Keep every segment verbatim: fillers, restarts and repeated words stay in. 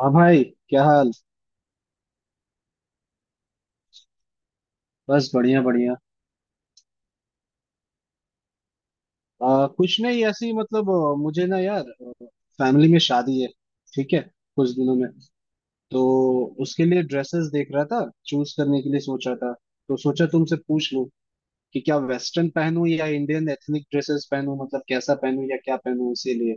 हाँ भाई। क्या हाल। बस बढ़िया बढ़िया। आ, कुछ नहीं ऐसे ही मतलब अ, मुझे ना यार फैमिली में शादी है। ठीक है कुछ दिनों में, तो उसके लिए ड्रेसेस देख रहा था। चूज करने के लिए सोच रहा था तो सोचा तुमसे पूछ लूं कि क्या वेस्टर्न पहनूं या इंडियन एथनिक ड्रेसेस पहनूं, मतलब कैसा पहनूं या क्या पहनूं इसीलिए।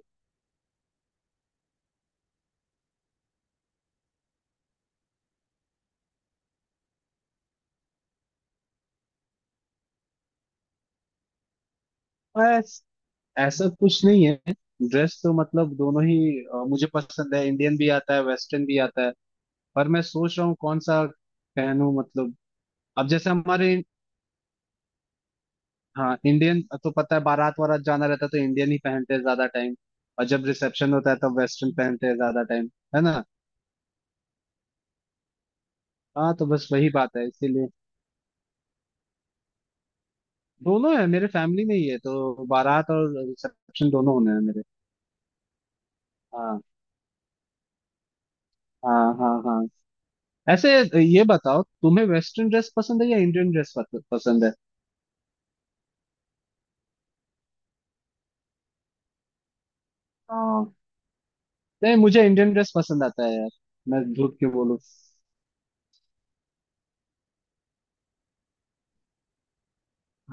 बस ऐसा कुछ नहीं है। ड्रेस तो मतलब दोनों ही अ, मुझे पसंद है। इंडियन भी आता है वेस्टर्न भी आता है पर मैं सोच रहा हूँ कौन सा पहनूं मतलब। अब जैसे हमारे, हाँ, इंडियन तो पता है बारात वारात जाना रहता है तो इंडियन ही पहनते हैं ज्यादा टाइम। और जब रिसेप्शन होता है तब वेस्टर्न पहनते हैं ज्यादा टाइम। है ना। हाँ तो बस वही बात है इसीलिए। दोनों है मेरे फैमिली में ही है तो बारात और रिसेप्शन दोनों होने हैं मेरे। हाँ हाँ हाँ हाँ ऐसे। ये बताओ तुम्हें वेस्टर्न ड्रेस पसंद है या इंडियन ड्रेस पसंद है। हाँ। नहीं, मुझे इंडियन ड्रेस पसंद आता है यार। मैं झूठ क्यों बोलूँ।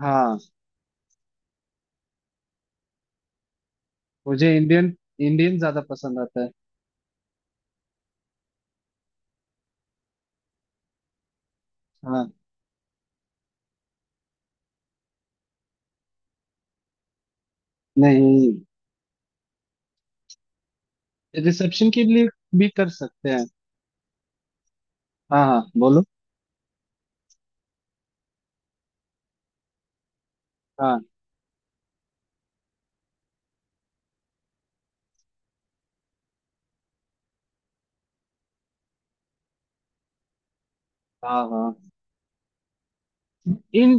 हाँ। मुझे इंडियन, इंडियन ज्यादा पसंद आता है। हाँ। नहीं, रिसेप्शन के लिए भी कर सकते हैं। हाँ हाँ बोलो। हाँ हाँ हाँ। इन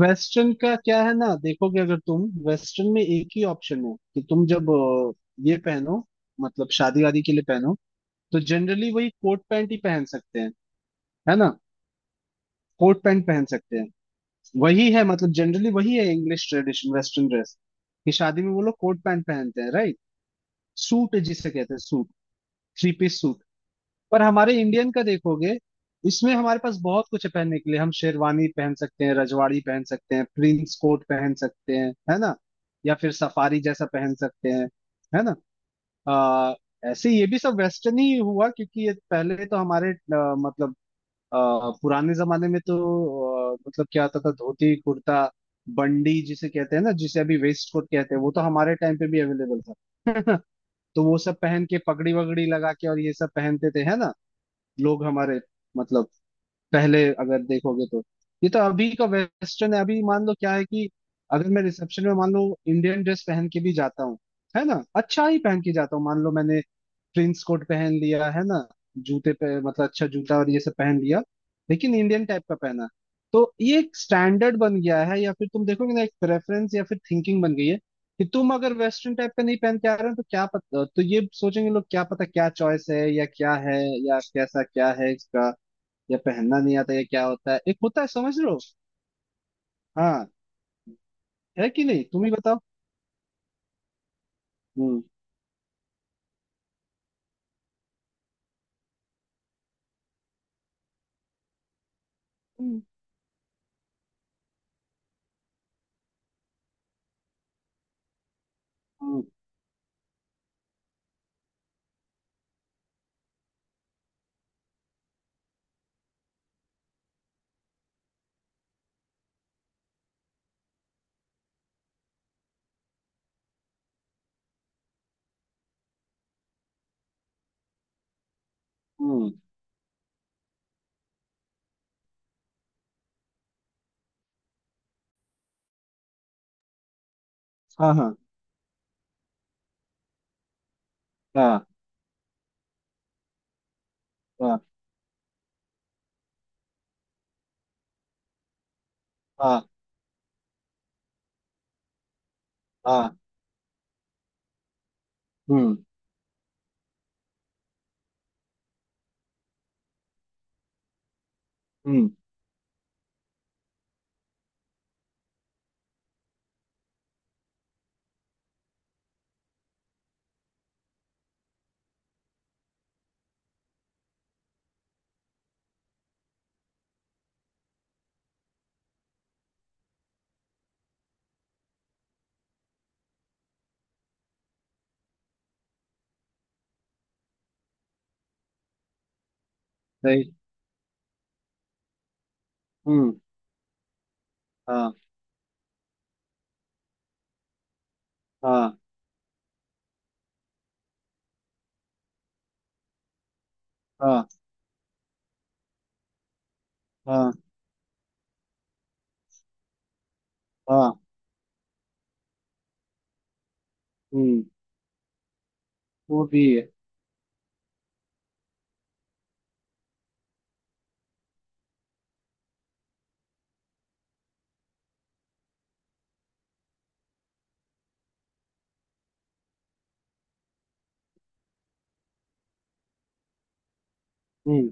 वेस्टर्न का क्या है ना, देखोगे अगर तुम, वेस्टर्न में एक ही ऑप्शन है कि तुम जब अ, ये पहनो, मतलब शादी वादी के लिए पहनो तो जनरली वही कोट पैंट ही पहन सकते हैं। है ना। कोट पैंट पहन सकते हैं। वही है मतलब जनरली वही है इंग्लिश ट्रेडिशन वेस्टर्न ड्रेस, कि शादी में वो लोग कोट पैंट पहनते हैं राइट। सूट जिसे कहते हैं, सूट। Three piece suit. पर हमारे इंडियन का देखोगे इसमें हमारे पास बहुत कुछ है पहनने के लिए। हम शेरवानी पहन सकते हैं, रजवाड़ी पहन सकते हैं, प्रिंस कोट पहन सकते हैं, है ना, या फिर सफारी जैसा पहन सकते हैं। है ना। आ, ऐसे ये भी सब वेस्टर्न ही हुआ क्योंकि ये पहले तो हमारे अ, मतलब अ, पुराने जमाने में तो अ, मतलब क्या आता था, धोती कुर्ता। बंडी जिसे कहते हैं ना, जिसे अभी वेस्ट कोट कहते हैं, वो तो हमारे टाइम पे भी अवेलेबल था तो वो सब पहन के पगड़ी वगड़ी लगा के और ये सब पहनते थे है ना लोग हमारे, मतलब पहले अगर देखोगे तो, ये तो अभी का वेस्टर्न है। अभी मान लो क्या है कि अगर मैं रिसेप्शन में मान लो इंडियन ड्रेस पहन के भी जाता हूँ, है ना, अच्छा ही पहन के जाता हूँ, मान लो मैंने प्रिंस कोट पहन लिया है ना, जूते पे मतलब अच्छा जूता और ये सब पहन लिया लेकिन इंडियन टाइप का पहना, तो ये एक स्टैंडर्ड बन गया है या फिर तुम देखोगे ना एक प्रेफरेंस या फिर थिंकिंग बन गई है कि तुम अगर वेस्टर्न टाइप का नहीं पहन के आ रहे हो तो क्या पता, तो ये सोचेंगे लोग क्या पता क्या चॉइस है या क्या है या कैसा क्या है इसका, या पहनना नहीं आता या क्या होता है एक होता है, समझ रहे हो। हाँ, है कि नहीं तुम ही बताओ। हम्म। हम्म। हम्म। हम्म, हाँ हाँ हाँ हाँ हाँ। हाँ हम्म हम्म सही। हम्म। हाँ हाँ हाँ हाँ हाँ। हम्म। वो भी है। हम्म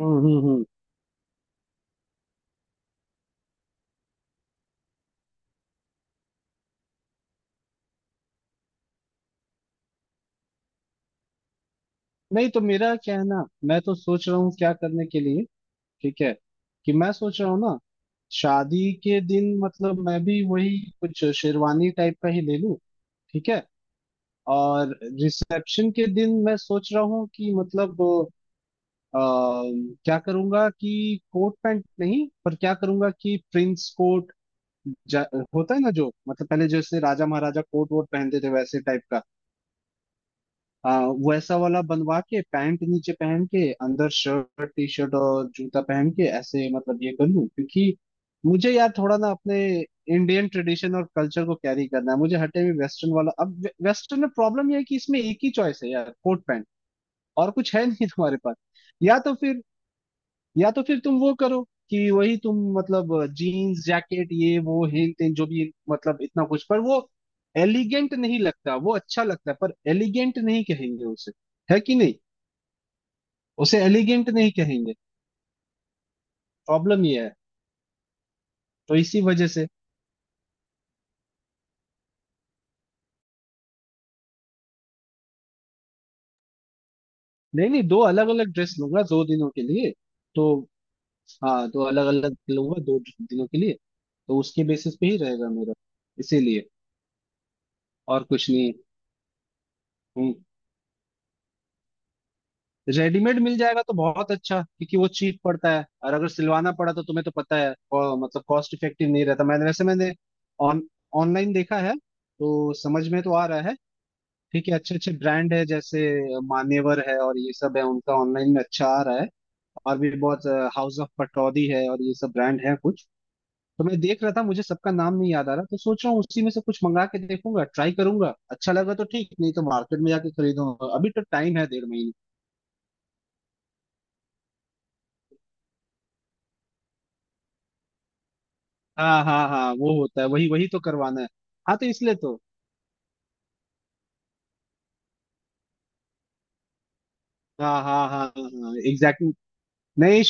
हम्म हम्म हम्म। नहीं, तो मेरा क्या है ना, मैं तो सोच रहा हूँ क्या करने के लिए ठीक है, कि मैं सोच रहा हूँ ना शादी के दिन, मतलब मैं भी वही कुछ शेरवानी टाइप का ही ले लूँ ठीक है। और रिसेप्शन के दिन मैं सोच रहा हूँ कि मतलब अ, क्या करूंगा कि कोट पैंट नहीं, पर क्या करूंगा कि प्रिंस कोट, जा, होता है ना जो, मतलब पहले जैसे राजा महाराजा कोट वोट पहनते थे वैसे टाइप का, आ, वैसा वाला बनवा के पैंट नीचे पहन के अंदर शर्ट टी शर्ट और जूता पहन के ऐसे, मतलब ये कर लूं क्योंकि मुझे यार थोड़ा ना अपने इंडियन ट्रेडिशन और कल्चर को कैरी करना है मुझे, हटे हुए वेस्टर्न वाला। अब वे, वेस्टर्न में प्रॉब्लम यह है कि इसमें एक ही चॉइस है यार, कोट पैंट, और कुछ है नहीं तुम्हारे पास। या तो फिर या तो फिर तुम वो करो कि वही तुम मतलब जीन्स जैकेट ये वो हिल टिल जो भी, मतलब इतना कुछ, पर वो एलिगेंट नहीं लगता। वो अच्छा लगता है पर एलिगेंट नहीं कहेंगे उसे, है कि नहीं। उसे एलिगेंट नहीं कहेंगे। प्रॉब्लम ये है, तो इसी वजह से। नहीं नहीं, दो अलग अलग ड्रेस लूंगा दो दिनों के लिए। तो हाँ, दो अलग अलग लूंगा दो दिनों के लिए तो उसके बेसिस पे ही रहेगा मेरा, इसीलिए। और कुछ नहीं। हम्म। रेडीमेड मिल जाएगा तो बहुत अच्छा क्योंकि वो चीप पड़ता है, और अगर सिलवाना पड़ा तो तुम्हें तो पता है को- मतलब कॉस्ट इफेक्टिव नहीं रहता। मैंने, वैसे मैंने ऑन ऑनलाइन देखा है तो समझ में तो आ रहा है। ठीक है, अच्छे अच्छे ब्रांड है, जैसे मान्यवर है और ये सब है उनका ऑनलाइन में अच्छा आ रहा है। और भी बहुत, हाउस ऑफ पटौदी है और ये सब ब्रांड है कुछ। तो मैं देख रहा था, मुझे सबका नाम नहीं याद आ रहा तो सोच रहा हूँ उसी में से कुछ मंगा के देखूंगा, ट्राई करूंगा, अच्छा लगा तो ठीक नहीं तो मार्केट में जाके खरीदूंगा, अभी तो टाइम है डेढ़ महीने। हाँ हाँ हाँ वो होता है, वही वही तो करवाना है। हाँ तो इसलिए तो। हाँ हाँ हाँ हाँ एग्जैक्टली। नहीं,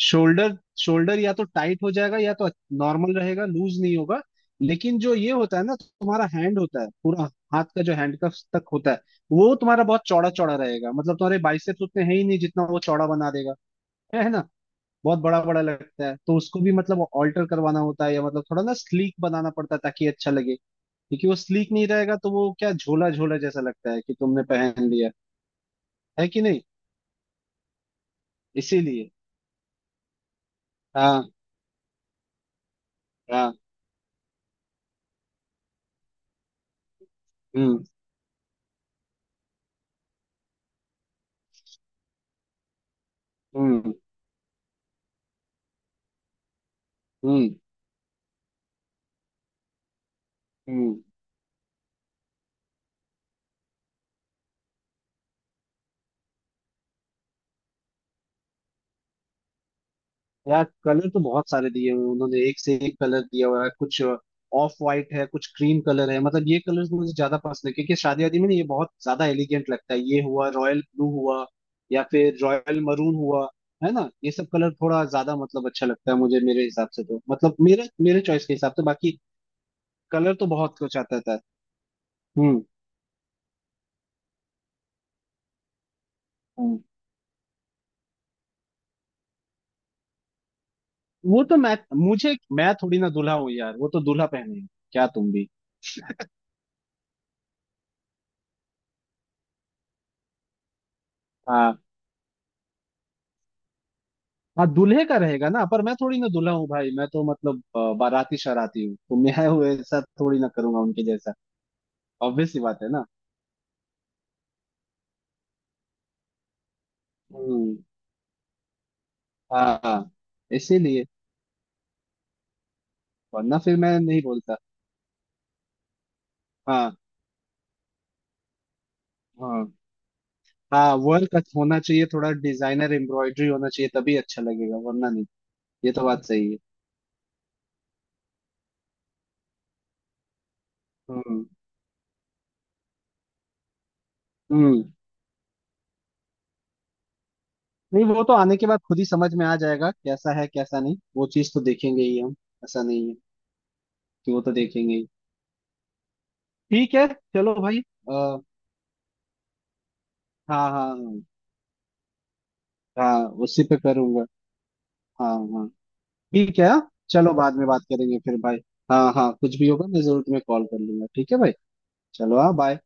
शोल्डर, शोल्डर या तो टाइट हो जाएगा या तो नॉर्मल रहेगा, लूज नहीं होगा। लेकिन जो ये होता है ना तुम्हारा हैंड होता है पूरा, हाथ का जो हैंडकफ तक होता है, वो तुम्हारा बहुत चौड़ा चौड़ा रहेगा, मतलब तुम्हारे बाइसेप्स उतने है ही नहीं जितना वो चौड़ा बना देगा। है ना। बहुत बड़ा बड़ा लगता है तो उसको भी मतलब ऑल्टर करवाना होता है, या मतलब थोड़ा ना स्लीक बनाना पड़ता है ताकि अच्छा लगे। क्योंकि वो स्लीक नहीं रहेगा तो वो क्या, झोला झोला जैसा लगता है कि तुमने पहन लिया, है कि नहीं। इसीलिए। हाँ हाँ। हम्म हम्म हम्म हम्म। यार कलर तो बहुत सारे दिए हुए हैं उन्होंने, एक से एक कलर दिया हुआ है। कुछ ऑफ वाइट है कुछ क्रीम कलर है, मतलब ये कलर्स मुझे ज्यादा पसंद है क्योंकि शादी वादी में ना ये बहुत ज्यादा एलिगेंट लगता है। ये हुआ रॉयल ब्लू हुआ, या फिर रॉयल मरून हुआ, है ना, ये सब कलर थोड़ा ज्यादा मतलब अच्छा लगता है मुझे मेरे हिसाब से, तो मतलब मेरे मेरे चॉइस के हिसाब से बाकी। कलर तो बहुत कुछ आता है। हम्म। हम्म, वो तो मैं मुझे मैं थोड़ी ना दूल्हा हूँ यार, वो तो दूल्हा पहने। क्या तुम भी। हाँ, हाँ दूल्हे का रहेगा ना, पर मैं थोड़ी ना दूल्हा हूँ भाई, मैं तो मतलब अ, बाराती शराती हूँ तो मैं वैसा थोड़ी ना करूंगा उनके जैसा। ऑब्वियस सी बात है ना। हम्म। हाँ हाँ। इसीलिए। वरना फिर मैं नहीं बोलता। हाँ हाँ। हाँ वर्क होना चाहिए थोड़ा, डिजाइनर एम्ब्रॉयडरी होना चाहिए तभी अच्छा लगेगा वरना नहीं। ये तो बात सही है। हम्म हम्म। नहीं, वो तो आने के बाद खुद ही समझ में आ जाएगा कैसा है कैसा नहीं। वो चीज तो देखेंगे ही हम। ऐसा नहीं है कि, वो तो देखेंगे ही। ठीक है। चलो भाई। आ, हाँ हाँ हाँ। हाँ उसी पे करूंगा। हाँ हाँ। ठीक है हाँ? चलो बाद में बात करेंगे फिर भाई। हाँ हाँ, कुछ भी होगा मैं जरूर तुम्हें कॉल कर लूंगा, ठीक है भाई। चलो हाँ, बाय।